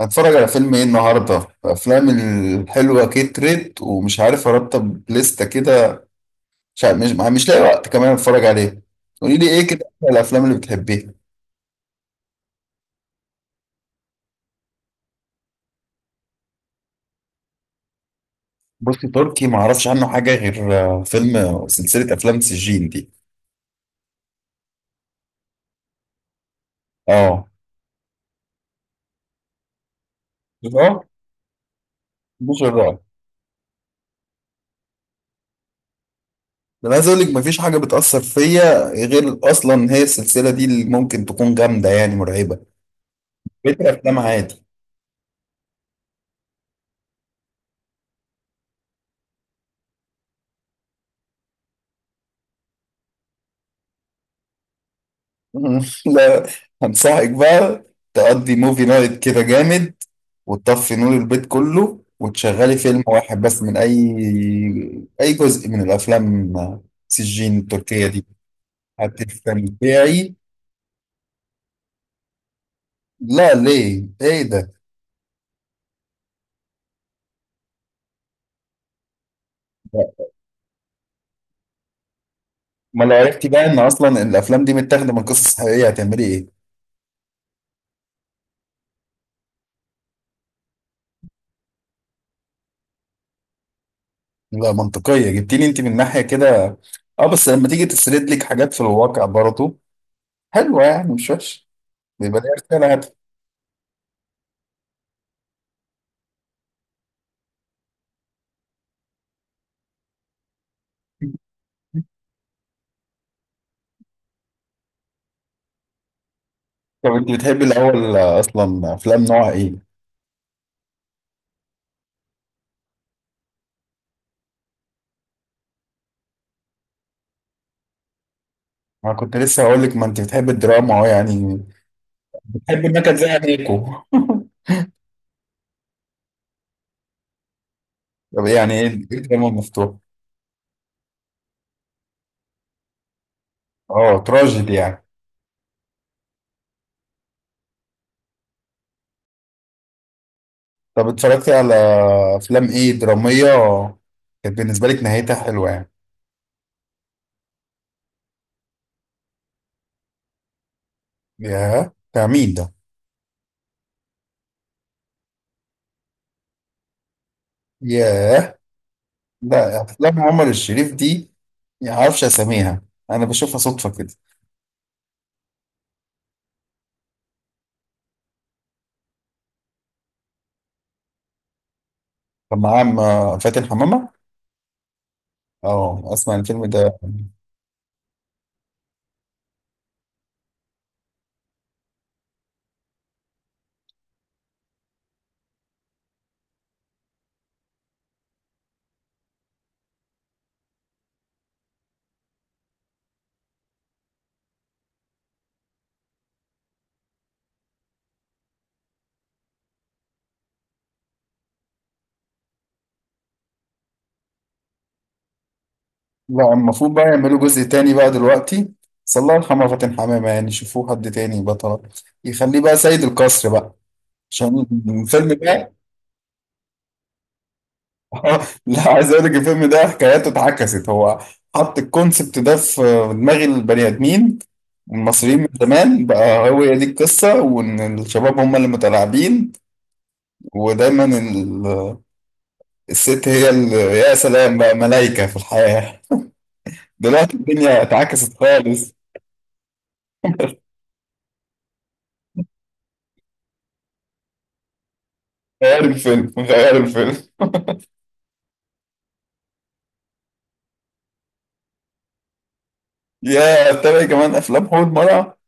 هتفرج على فيلم ايه النهارده؟ افلام الحلوه كترت ومش عارف ارتب لستة كده. مش عارف، مش لاقي وقت كمان اتفرج عليه. قولي لي ايه كده أكتر الافلام اللي بتحبيها. بصي، تركي ما اعرفش عنه حاجه غير فيلم، سلسله افلام سجين دي. اه. اه، مش الرعب. ده انا عايز اقول لك مفيش حاجه بتاثر فيا غير اصلا هي السلسله دي اللي ممكن تكون جامده يعني مرعبه. بقيت الافلام عادي. لا، هنصحك بقى تقضي موفي نايت كده جامد وتطفي نور البيت كله وتشغلي فيلم واحد بس من أي أي جزء من الأفلام سجين التركية دي، هتستمتعي. لا ليه؟ إيه ده؟ لا. ما لو عرفتي بقى إن أصلا الأفلام دي متاخدة من قصص حقيقية، هتعملي إيه؟ لا، منطقية جبتيني أنت من ناحية كده. أه، بس لما تيجي تسرد لك حاجات في الواقع برضه حلوة، يعني مش وحش، بيبقى ليها رسالة هادفة. طب أنت بتحبي الأول أصلا أفلام نوع إيه؟ أنا كنت لسه هقول لك، ما أنت بتحبي الدراما أهو يعني. أحب إنك زي أنيكو. طب يعني ايه إيه الدراما المفتوحة؟ اه تراجيدي يعني. طب اتفرجتي على افلام ايه درامية كانت بالنسبة لك نهايتها حلوة يعني؟ ياه، بتاع مين ده؟ ياه. لا، افلام عمر الشريف دي ما اعرفش اساميها، انا بشوفها صدفة كده. كان معاه فاتن حمامة. اه، اسمع الفيلم ده. لا، المفروض بقى يعملوا جزء تاني بقى دلوقتي، بس الله يرحمه فاتن حمامة، يعني شوفوه حد تاني بطل يخليه بقى سيد القصر بقى عشان الفيلم ده. لا، عايز اقول لك الفيلم ده حكاياته اتعكست. هو حط الكونسبت ده في دماغ البني ادمين المصريين من زمان بقى، هو هي دي القصة، وإن الشباب هم اللي متلاعبين ودايما الست هي اللي يا سلام بقى ملايكة في الحياة. دلوقتي الدنيا اتعكست خالص. غير الفيلم، غير الفيلم. يا تابع كمان أفلام حول مرة.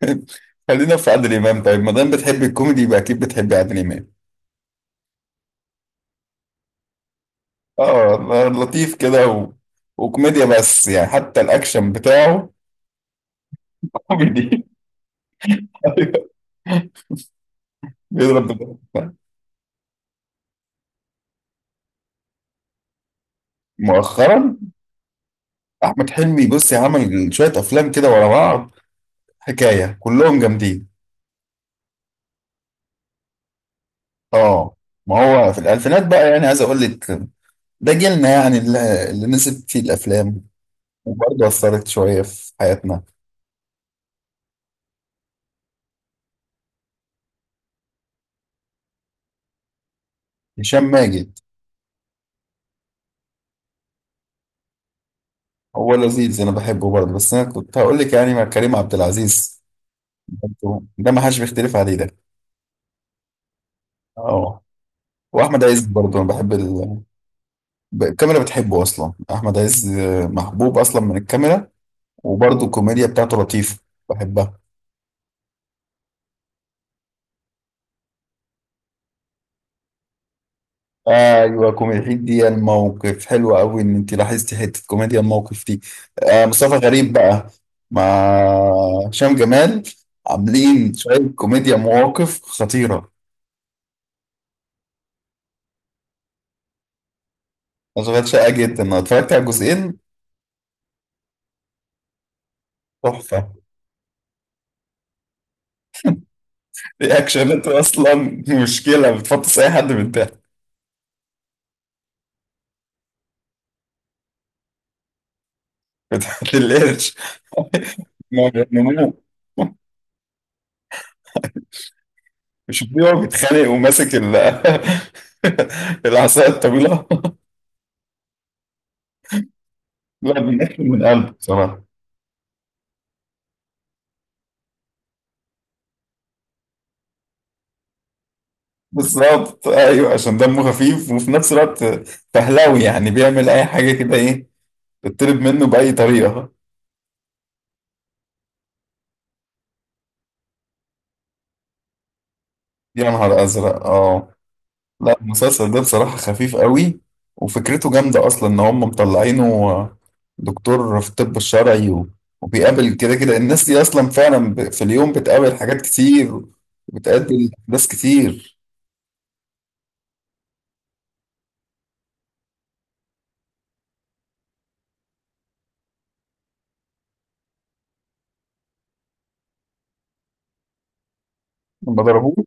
خلينا في عادل إمام، طيب ما دام بتحب الكوميدي يبقى أكيد بتحب عادل إمام. اه، لطيف كده وكوميديا، بس يعني حتى الاكشن بتاعه كوميدي. أيوة. بيضرب بالضرب. مؤخرا احمد حلمي، بص، عمل شويه افلام كده ورا بعض حكايه كلهم جامدين. اه. ما هو في الالفينات بقى يعني عايز اقول لك ده جيلنا يعني اللي نسب فيه الافلام وبرضه اثرت شويه في حياتنا. هشام ماجد؟ هو لذيذ انا بحبه برضه، بس انا كنت هقول لك يعني مع كريم عبد العزيز برضه، ده ما حدش بيختلف عليه ده. اه. واحمد عز برضه انا بحب الكاميرا بتحبه اصلا احمد عز، محبوب اصلا من الكاميرا. وبرضه الكوميديا بتاعته لطيفه، بحبها. ايوه، كوميديا دي الموقف حلوه قوي ان انت لاحظتي حته كوميديا الموقف دي. آه، مصطفى غريب بقى مع هشام جمال عاملين شويه كوميديا مواقف خطيره. اشغال شاقه جدا، انا اتفرجت على الجزئين، تحفه. رياكشنات اصلا مشكله، بتفطس اي حد من ده. بتاعت القرش. ما بيغنموه، مش بيقعد بيتخانق وماسك العصاية الطويلة. لا بيقفل من قلبه بصراحة. بالظبط، ايوه، عشان دمه خفيف وفي نفس الوقت فهلاوي، يعني بيعمل اي حاجة كده ايه تطلب منه بأي طريقة. يا نهار ازرق، اه. لا، المسلسل ده بصراحة خفيف قوي، وفكرته جامدة أصلا إن هم مطلعينه دكتور في الطب الشرعي وبيقابل كده كده الناس دي أصلا فعلا في اليوم بتقابل حاجات كتير وبتقابل أحداث كتير. لما ضربوه.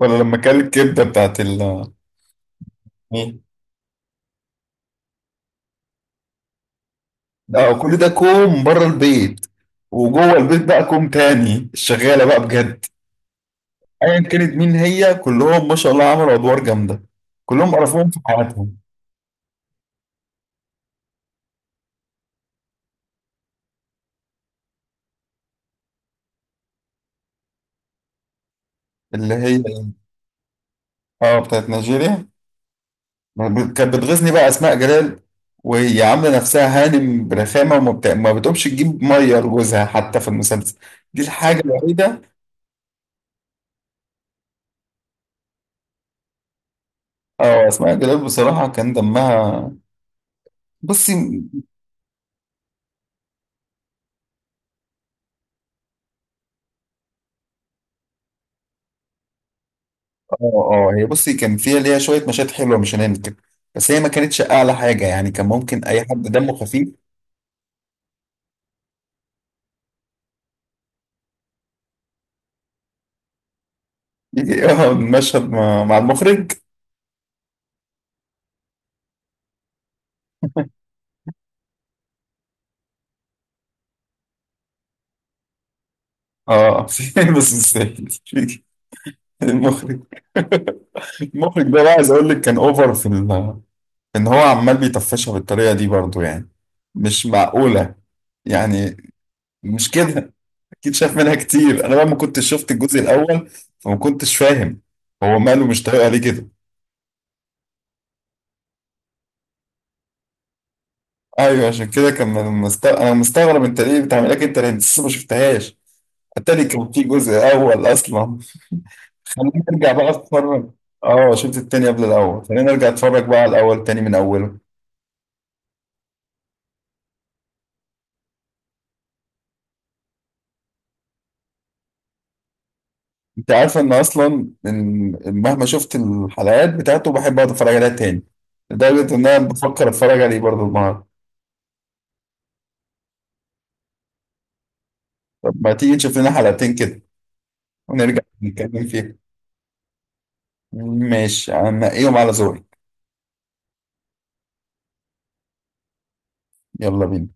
ولا لما كل الكبدة بتاعت ال، مين؟ لا، وكل ده كوم بره البيت، وجوه البيت بقى كوم تاني الشغالة بقى بجد. أيا كانت مين هي، كلهم ما شاء الله عملوا أدوار جامدة، كلهم قرفوهم في حياتهم. اللي هي، اه، بتاعت نيجيريا. ما كانت بتغيظني بقى اسماء جلال وهي عامله نفسها هانم برخامه ما بتقومش تجيب ميه لجوزها حتى في المسلسل، دي الحاجه الوحيده. اه، اسماء جلال بصراحه كان دمها، بصي. اه. اه، هي بصي كان فيها ليها شويه مشاهد حلوه مش هننكر، بس هي ما كانتش اعلى حاجه يعني، كان ممكن اي حد دمه خفيف. يجي، اه، المشهد مع مع المخرج. اه. في، بس مستاهل المخرج. المخرج ده بقى عايز اقول لك كان اوفر في ال، ان هو عمال بيطفشها بالطريقه دي برضو يعني، مش معقوله يعني. مش كده، اكيد شاف منها كتير. انا بقى ما كنتش شفت الجزء الاول فما كنتش فاهم هو ماله مش طايقها ليه كده. ايوه، عشان كده كان انا مستغرب انت ليه بتعمل لك، انت لسه ما شفتهاش التاني كان في جزء اول اصلا. خلينا نرجع بقى اتفرج. اه، شفت التاني قبل الاول، خلينا نرجع اتفرج بقى على الاول تاني من اوله. انت عارفه ان اصلا ان مهما شفت الحلقات بتاعته بحب اقعد اتفرج عليها تاني، لدرجه ان انا بفكر اتفرج عليه برضه النهارده. طب ما تيجي نشوف لنا حلقتين كده ونرجع نتكلم فيها. ماشي، انا هنقيهم على ذوقي. يلا بينا.